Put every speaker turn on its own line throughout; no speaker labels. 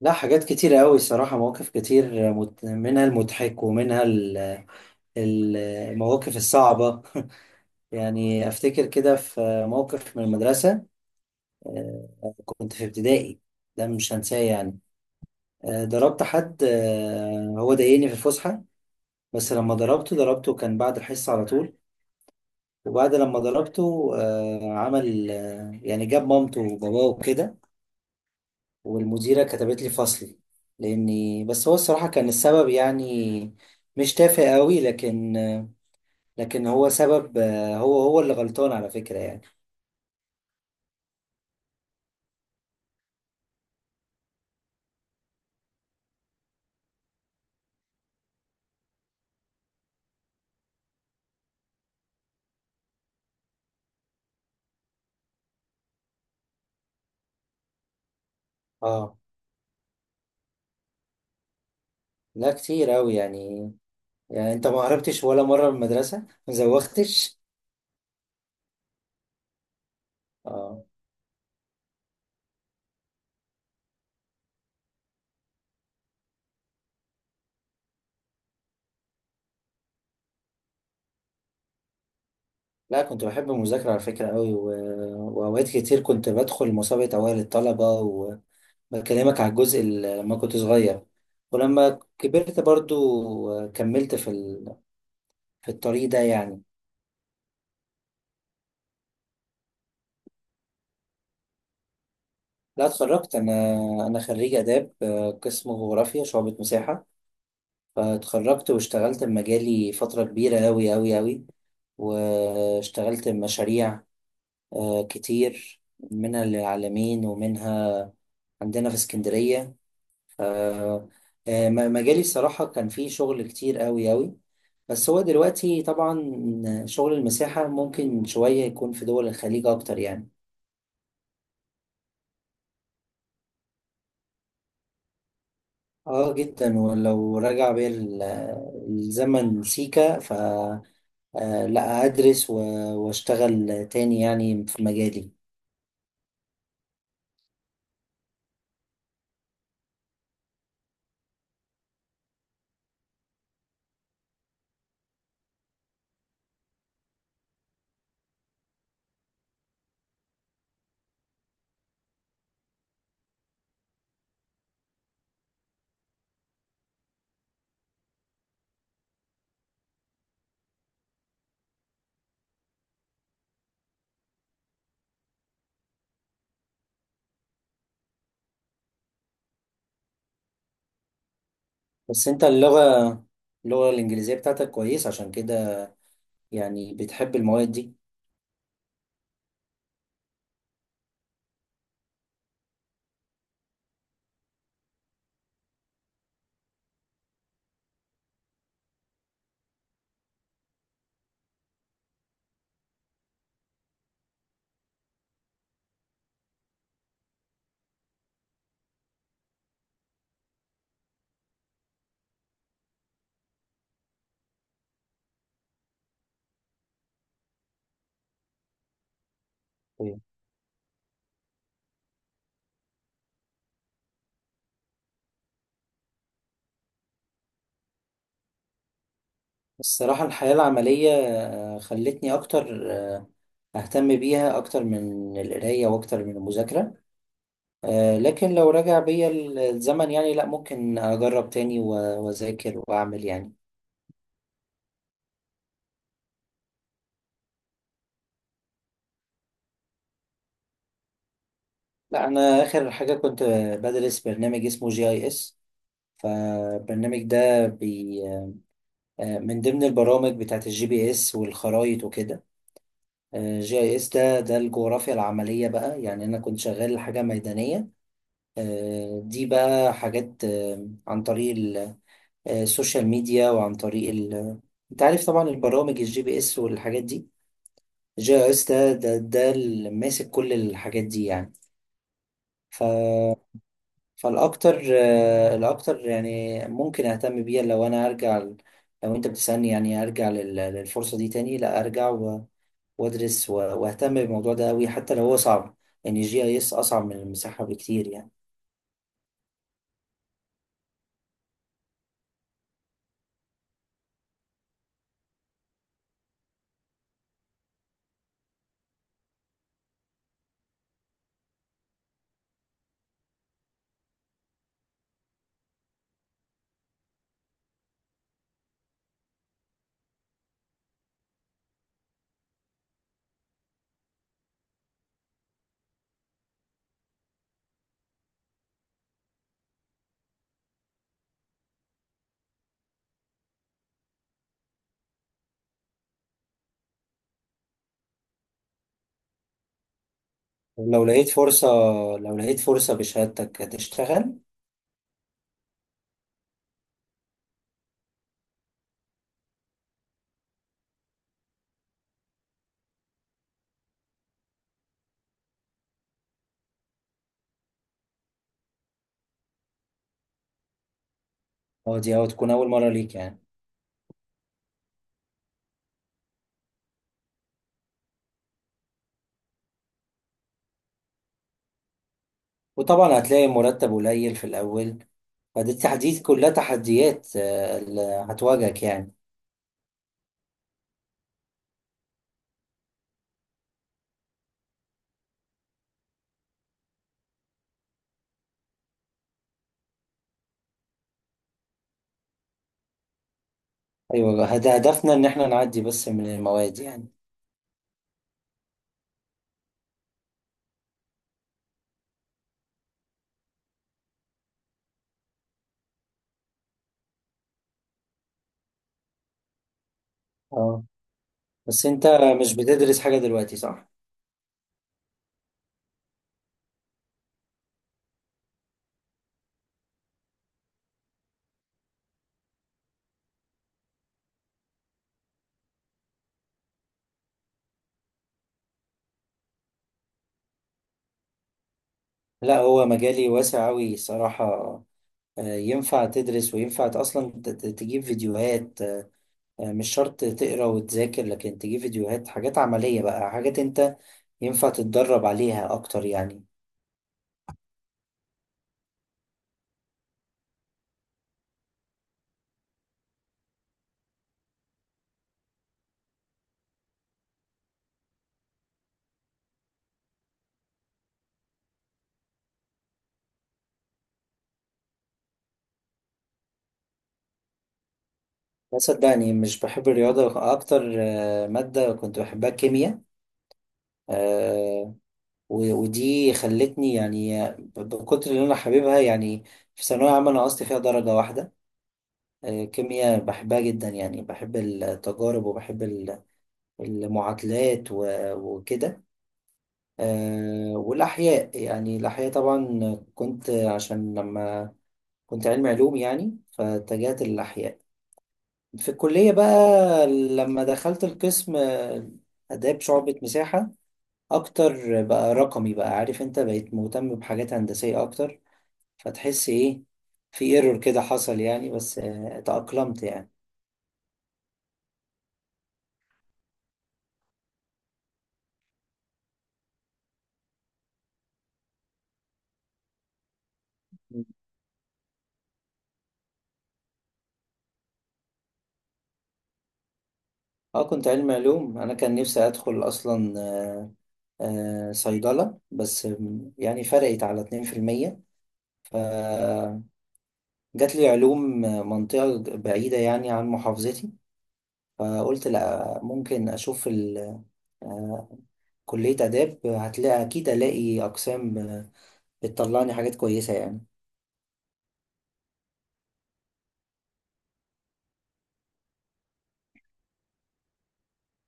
لا، حاجات كتيرة أوي الصراحة. مواقف كتير، منها المضحك ومنها المواقف الصعبة. يعني أفتكر كده في موقف من المدرسة. كنت في ابتدائي. ده مش هنساه يعني. ضربت حد. هو ضايقني في الفسحة. بس لما ضربته، ضربته كان بعد الحصة على طول. وبعد لما ضربته، عمل يعني جاب مامته وباباه وكده. والمديرة كتبت لي فصلي. لأني، بس هو الصراحة كان السبب يعني. مش تافه قوي، لكن هو سبب. هو هو اللي غلطان على فكرة يعني. اه. لا، كتير قوي يعني. يعني انت ما هربتش ولا مرة من المدرسة؟ ما زوختش؟ اه. لا، كنت بحب المذاكرة على فكرة قوي، وأوقات كتير كنت بدخل مسابقة أوائل الطلبة. وبكلمك على الجزء اللي لما كنت صغير. ولما كبرت برضو كملت في الطريق ده يعني. لا، اتخرجت انا. انا خريج اداب، قسم جغرافيا شعبة مساحة. فاتخرجت واشتغلت بمجالي فترة كبيرة أوي أوي أوي. واشتغلت بمشاريع كتير، منها للعالمين ومنها عندنا في اسكندرية. ف- آه، مجالي الصراحة كان فيه شغل كتير أوي أوي. بس هو دلوقتي طبعا شغل المساحة ممكن شوية يكون في دول الخليج أكتر يعني. اه، جدا. ولو رجع بيا الزمن سيكا، ف آه، لا، ادرس واشتغل تاني يعني في مجالي. بس انت اللغة الانجليزية بتاعتك كويس عشان كده. يعني بتحب المواد دي. طيب. الصراحة الحياة العملية خلتني اكتر اهتم بيها اكتر من القراية واكتر من المذاكرة. لكن لو رجع بيا الزمن يعني، لا، ممكن اجرب تاني واذاكر واعمل يعني. لا، انا اخر حاجه كنت بدرس برنامج اسمه جي اي اس. فالبرنامج ده بي آه، من ضمن البرامج بتاعت الجي بي اس والخرايط وكده. جي اي اس ده الجغرافيا العمليه بقى، يعني انا كنت شغال حاجه ميدانيه. دي بقى حاجات عن طريق السوشيال ميديا انت عارف طبعا البرامج الجي بي اس والحاجات دي. جي اي اس ده اللي ماسك كل الحاجات دي يعني. ف فالاكتر آه، الاكتر يعني ممكن اهتم بيها لو انا ارجع لو انت بتسألني يعني، ارجع للفرصة دي تاني. لا، ارجع وادرس واهتم بالموضوع ده قوي، حتى لو هو صعب. يعني جي اي اس اصعب من المساحة بكتير يعني. لو لقيت فرصة لو لقيت فرصة بشهادتك هتشتغل؟ اه، دي أو تكون اول مرة ليك يعني. وطبعا هتلاقي مرتب قليل في الاول. فدي التحديات، كلها تحديات اللي هتواجهك يعني. ايوه، هدفنا ان احنا نعدي بس من المواد يعني. اه. بس انت مش بتدرس حاجة دلوقتي، صح؟ لا، هو مجالي واسع أوي صراحة. ينفع تدرس وينفع أصلا تجيب فيديوهات. مش شرط تقرا وتذاكر، لكن تجيب فيديوهات، حاجات عملية بقى، حاجات انت ينفع تتدرب عليها أكتر يعني. بس صدقني مش بحب الرياضة. أكتر مادة كنت بحبها الكيمياء. آه، ودي خلتني يعني، بكتر اللي أنا حاببها يعني. في ثانوية عامة أنا نقصت فيها درجة واحدة. كيمياء بحبها جدا يعني، بحب التجارب وبحب المعادلات وكده. والأحياء، يعني الأحياء طبعا كنت، عشان لما كنت علمي علوم يعني، فاتجهت للأحياء في الكلية بقى. لما دخلت القسم آداب شعبة مساحة، أكتر بقى رقمي، بقى عارف أنت بقيت مهتم بحاجات هندسية أكتر. فتحس إيه، في ايرور كده حصل يعني، بس تأقلمت يعني. اه، كنت علمي علوم. انا كان نفسي ادخل اصلا صيدلة، بس يعني فرقت على 2%. فجات لي علوم، منطقة بعيدة يعني عن محافظتي. فقلت لا، ممكن اشوف آه، كلية آداب. هتلاقي أكيد، ألاقي أقسام بتطلعني حاجات كويسة يعني.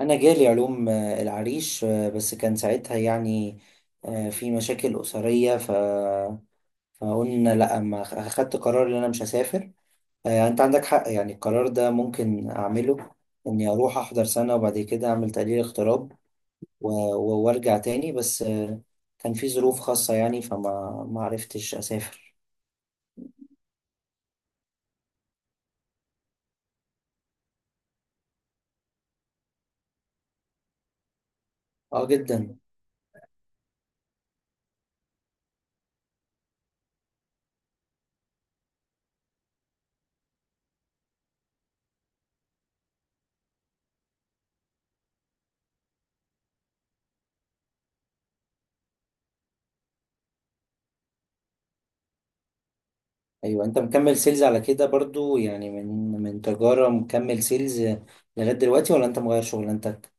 أنا جالي علوم العريش. بس كان ساعتها يعني، في مشاكل أسرية، فقلنا لأ، ما أخدت قرار إن أنا مش هسافر. يعني انت عندك حق يعني، القرار ده ممكن اعمله، اني اروح احضر سنة وبعد كده اعمل تقليل اغتراب و- وارجع تاني. بس كان في ظروف خاصة يعني، فما ما عرفتش اسافر. اه، جدا. ايوه، انت مكمل سيلز على كده برضو يعني، من تجارة مكمل سيلز لغاية دلوقتي، ولا انت مغير شغلانتك؟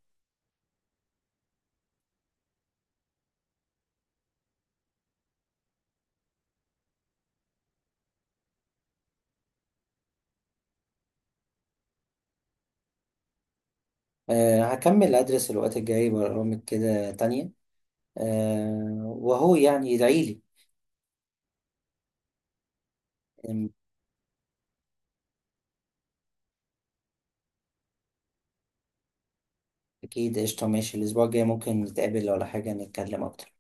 أه، هكمل ادرس الوقت الجاي برامج كده تانية. أه، وهو يعني ادعيلي. أم، اكيد، قشطة، ماشي. الاسبوع الجاي ممكن نتقابل ولا حاجة، نتكلم اكتر.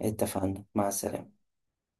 اتفقنا، مع السلامة.